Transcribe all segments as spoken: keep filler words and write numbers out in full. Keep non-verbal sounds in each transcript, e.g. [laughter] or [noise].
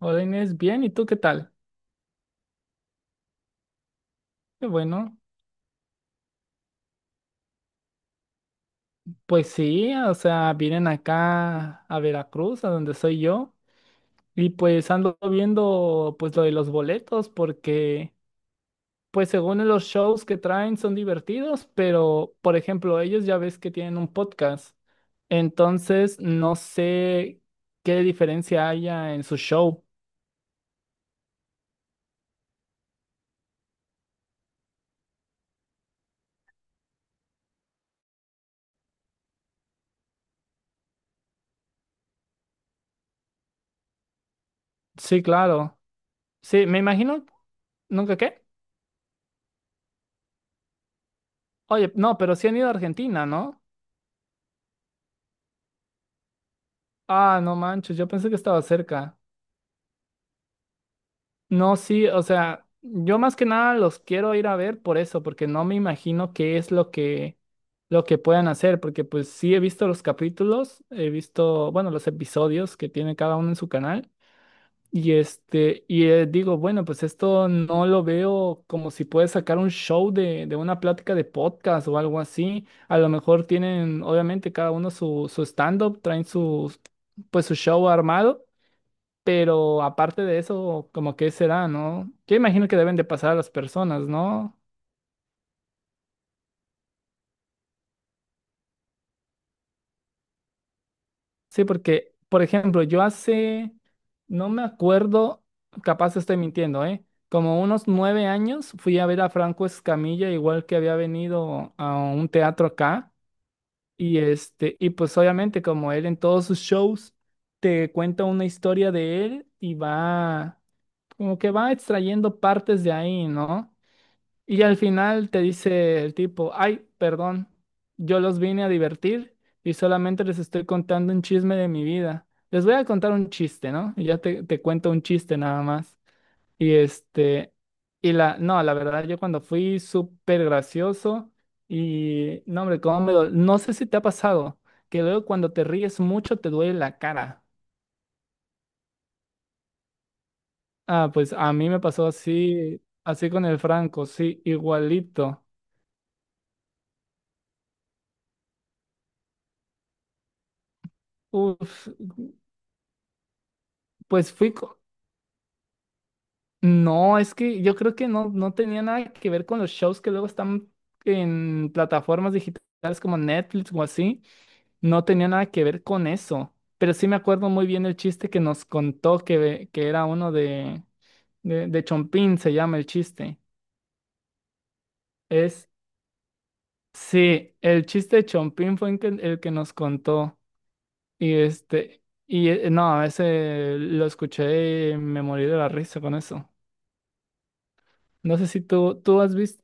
Hola Inés, bien, ¿y tú qué tal? Qué bueno. Pues sí, o sea, vienen acá a Veracruz, a donde soy yo, y pues ando viendo pues lo de los boletos, porque pues según los shows que traen son divertidos, pero por ejemplo, ellos ya ves que tienen un podcast, entonces no sé qué diferencia haya en su show. Sí, claro. Sí, me imagino, ¿nunca qué? Oye, no, pero sí han ido a Argentina, ¿no? Ah, no manches, yo pensé que estaba cerca. No, sí, o sea, yo más que nada los quiero ir a ver por eso, porque no me imagino qué es lo que lo que puedan hacer, porque pues sí he visto los capítulos, he visto, bueno, los episodios que tiene cada uno en su canal y este y eh, digo, bueno, pues esto no lo veo como si puede sacar un show de de una plática de podcast o algo así. A lo mejor tienen obviamente cada uno su su stand-up, traen sus pues su show armado, pero aparte de eso, como que será, ¿no? Yo imagino que deben de pasar a las personas, ¿no? Sí, porque, por ejemplo, yo hace, no me acuerdo, capaz estoy mintiendo, ¿eh? Como unos nueve años fui a ver a Franco Escamilla, igual que había venido a un teatro acá, y este, y pues obviamente como él en todos sus shows te cuenta una historia de él y va, como que va extrayendo partes de ahí, ¿no? Y al final te dice el tipo, ay, perdón, yo los vine a divertir y solamente les estoy contando un chisme de mi vida. Les voy a contar un chiste, ¿no? Y ya te, te cuento un chiste nada más. Y este, y la, no, la verdad, yo cuando fui súper gracioso y, no, hombre, cómo me dol- no sé si te ha pasado que luego cuando te ríes mucho te duele la cara. Ah, pues a mí me pasó así, así con el Franco, sí, igualito. Uf, pues fui, co- no, es que yo creo que no, no tenía nada que ver con los shows que luego están en plataformas digitales como Netflix o así. No tenía nada que ver con eso. Pero sí me acuerdo muy bien el chiste que nos contó que, que era uno de, de, de Chompín, se llama el chiste. Es, sí, el chiste de Chompín fue el que, el que nos contó. Y este, y eh, no, ese lo escuché y me morí de la risa con eso. No sé si tú, tú has visto.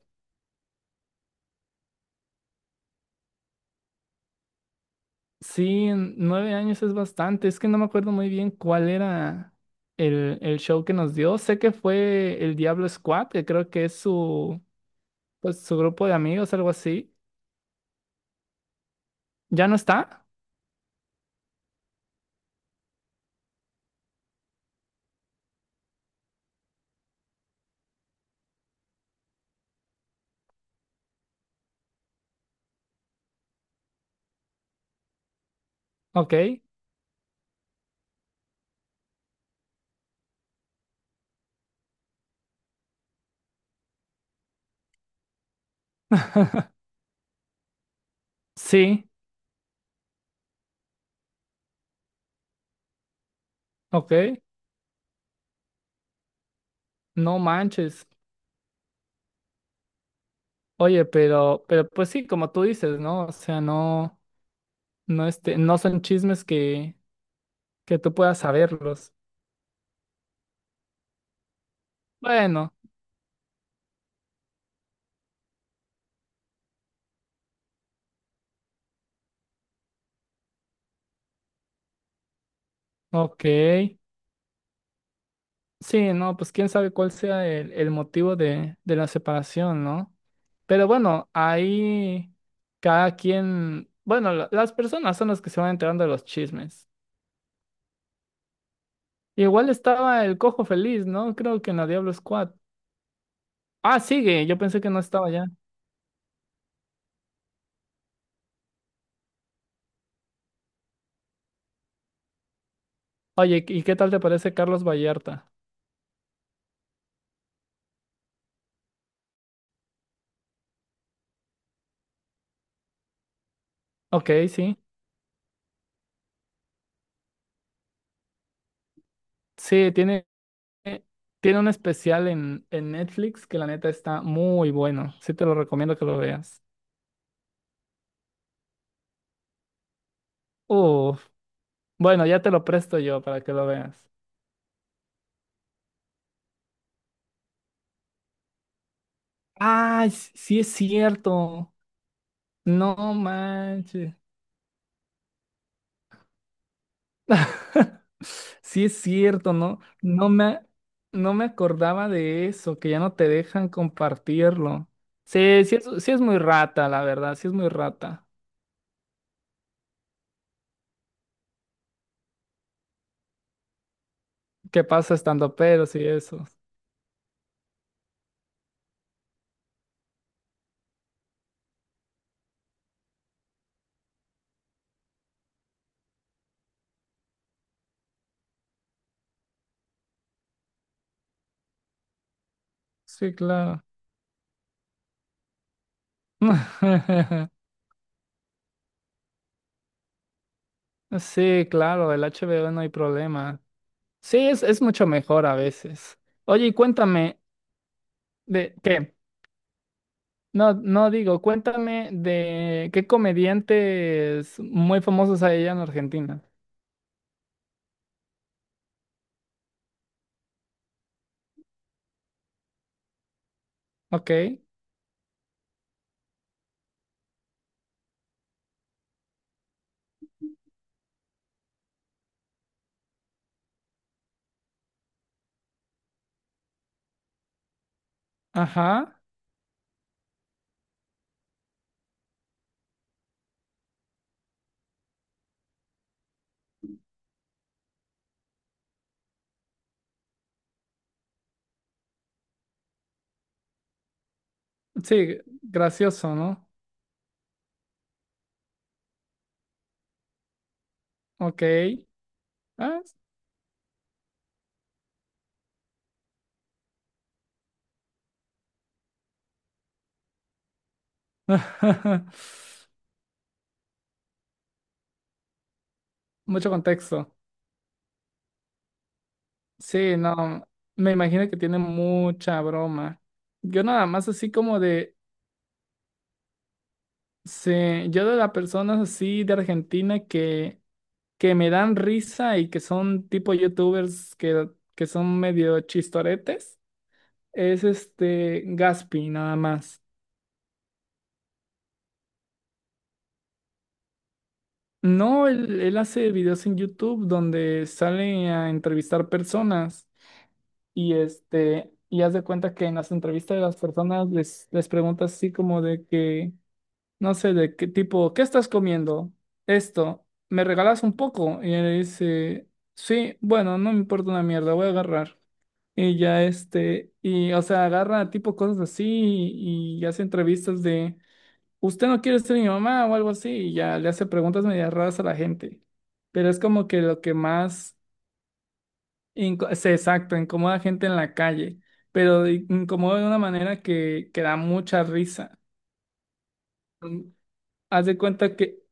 Sí, en nueve años es bastante. Es que no me acuerdo muy bien cuál era el, el show que nos dio. Sé que fue el Diablo Squad, que creo que es su, pues, su grupo de amigos, algo así. ¿Ya no está? Ok. [laughs] Sí, ok. No manches. Oye, pero, pero pues sí, como tú dices, ¿no? O sea, no, no, este, no son chismes que, que tú puedas saberlos. Bueno, ok. Sí, no, pues quién sabe cuál sea el, el motivo de, de la separación, ¿no? Pero bueno, ahí cada quien, bueno, la- las personas son las que se van enterando de los chismes. Igual estaba el Cojo Feliz, ¿no? Creo que en la Diablo Squad. Ah, sigue, yo pensé que no estaba ya. Oye, ¿y qué tal te parece Carlos Vallarta? Ok, sí. Sí, tiene, tiene un especial en, en Netflix que la neta está muy bueno. Sí, te lo recomiendo que lo veas. Uf, bueno, ya te lo presto yo para que lo veas. Ah, s- sí es cierto. No manches. [laughs] Sí es cierto, ¿no? No me, no me acordaba de eso, que ya no te dejan compartirlo. Sí, sí es, sí es muy rata, la verdad, sí es muy rata. ¿Qué pasa estando peros y eso? Sí, claro. [laughs] Sí, claro, el H B O no hay problema. Sí, es, es mucho mejor a veces. Oye, y cuéntame, ¿de qué? No, no digo, cuéntame de qué comediantes muy famosos hay allá en Argentina. Ok, ajá, sí, gracioso, ¿no? Ok, ah, [laughs] mucho contexto. Sí, no, me imagino que tiene mucha broma. Yo nada más así como de, sí, yo de las personas así de Argentina que, que me dan risa y que son tipo youtubers que, que son medio chistoretes. Es este Gaspi, nada más. No, él, él hace videos en YouTube donde sale a entrevistar personas y este, y haz de cuenta que en las entrevistas de las personas les, les preguntas así como de que, no sé, de qué tipo, ¿qué estás comiendo? Esto, ¿me regalas un poco? Y él dice, sí, bueno, no me importa una mierda, voy a agarrar. Y ya este, y o sea, agarra tipo cosas así y y hace entrevistas de usted no quiere ser mi mamá o algo así, y ya le hace preguntas medio raras a la gente. Pero es como que lo que más inco- se exacto, incomoda a gente en la calle, pero de- incomoda de una manera que, que da mucha risa. Mm, haz de cuenta que,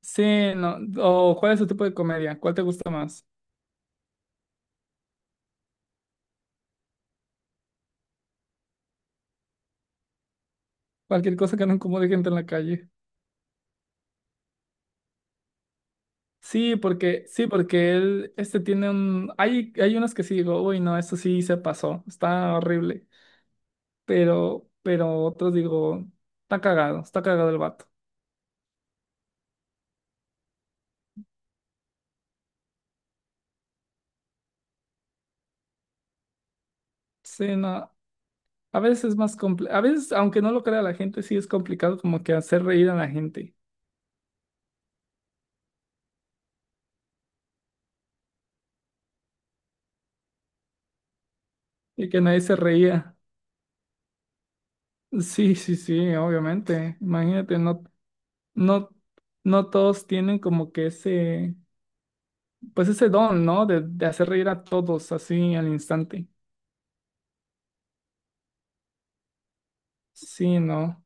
sí, no, o cuál es su tipo de comedia, cuál te gusta más, cualquier cosa que no incomode gente en la calle. Sí, porque, sí, porque él, este tiene un, hay, hay unos que sí digo, uy, no, esto sí se pasó, está horrible. pero, pero otros digo, está cagado, está cagado el vato. Sí, no, a veces es más complicado, a veces, aunque no lo crea la gente, sí es complicado como que hacer reír a la gente y que nadie se reía. Sí, sí, sí, obviamente. Imagínate, no, no, no todos tienen como que ese, pues ese don, ¿no? De, de hacer reír a todos así al instante. Sí, no.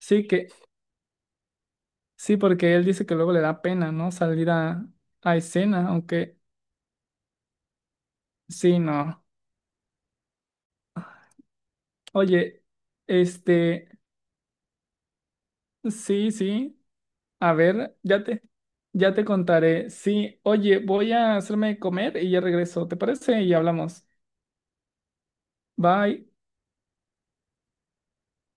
Sí que, sí, porque él dice que luego le da pena, ¿no? Salir a, a escena, aunque sí, no. Oye, este, sí, sí, a ver, ya te, ya te contaré. Sí, oye, voy a hacerme comer y ya regreso, ¿te parece? Y hablamos. Bye.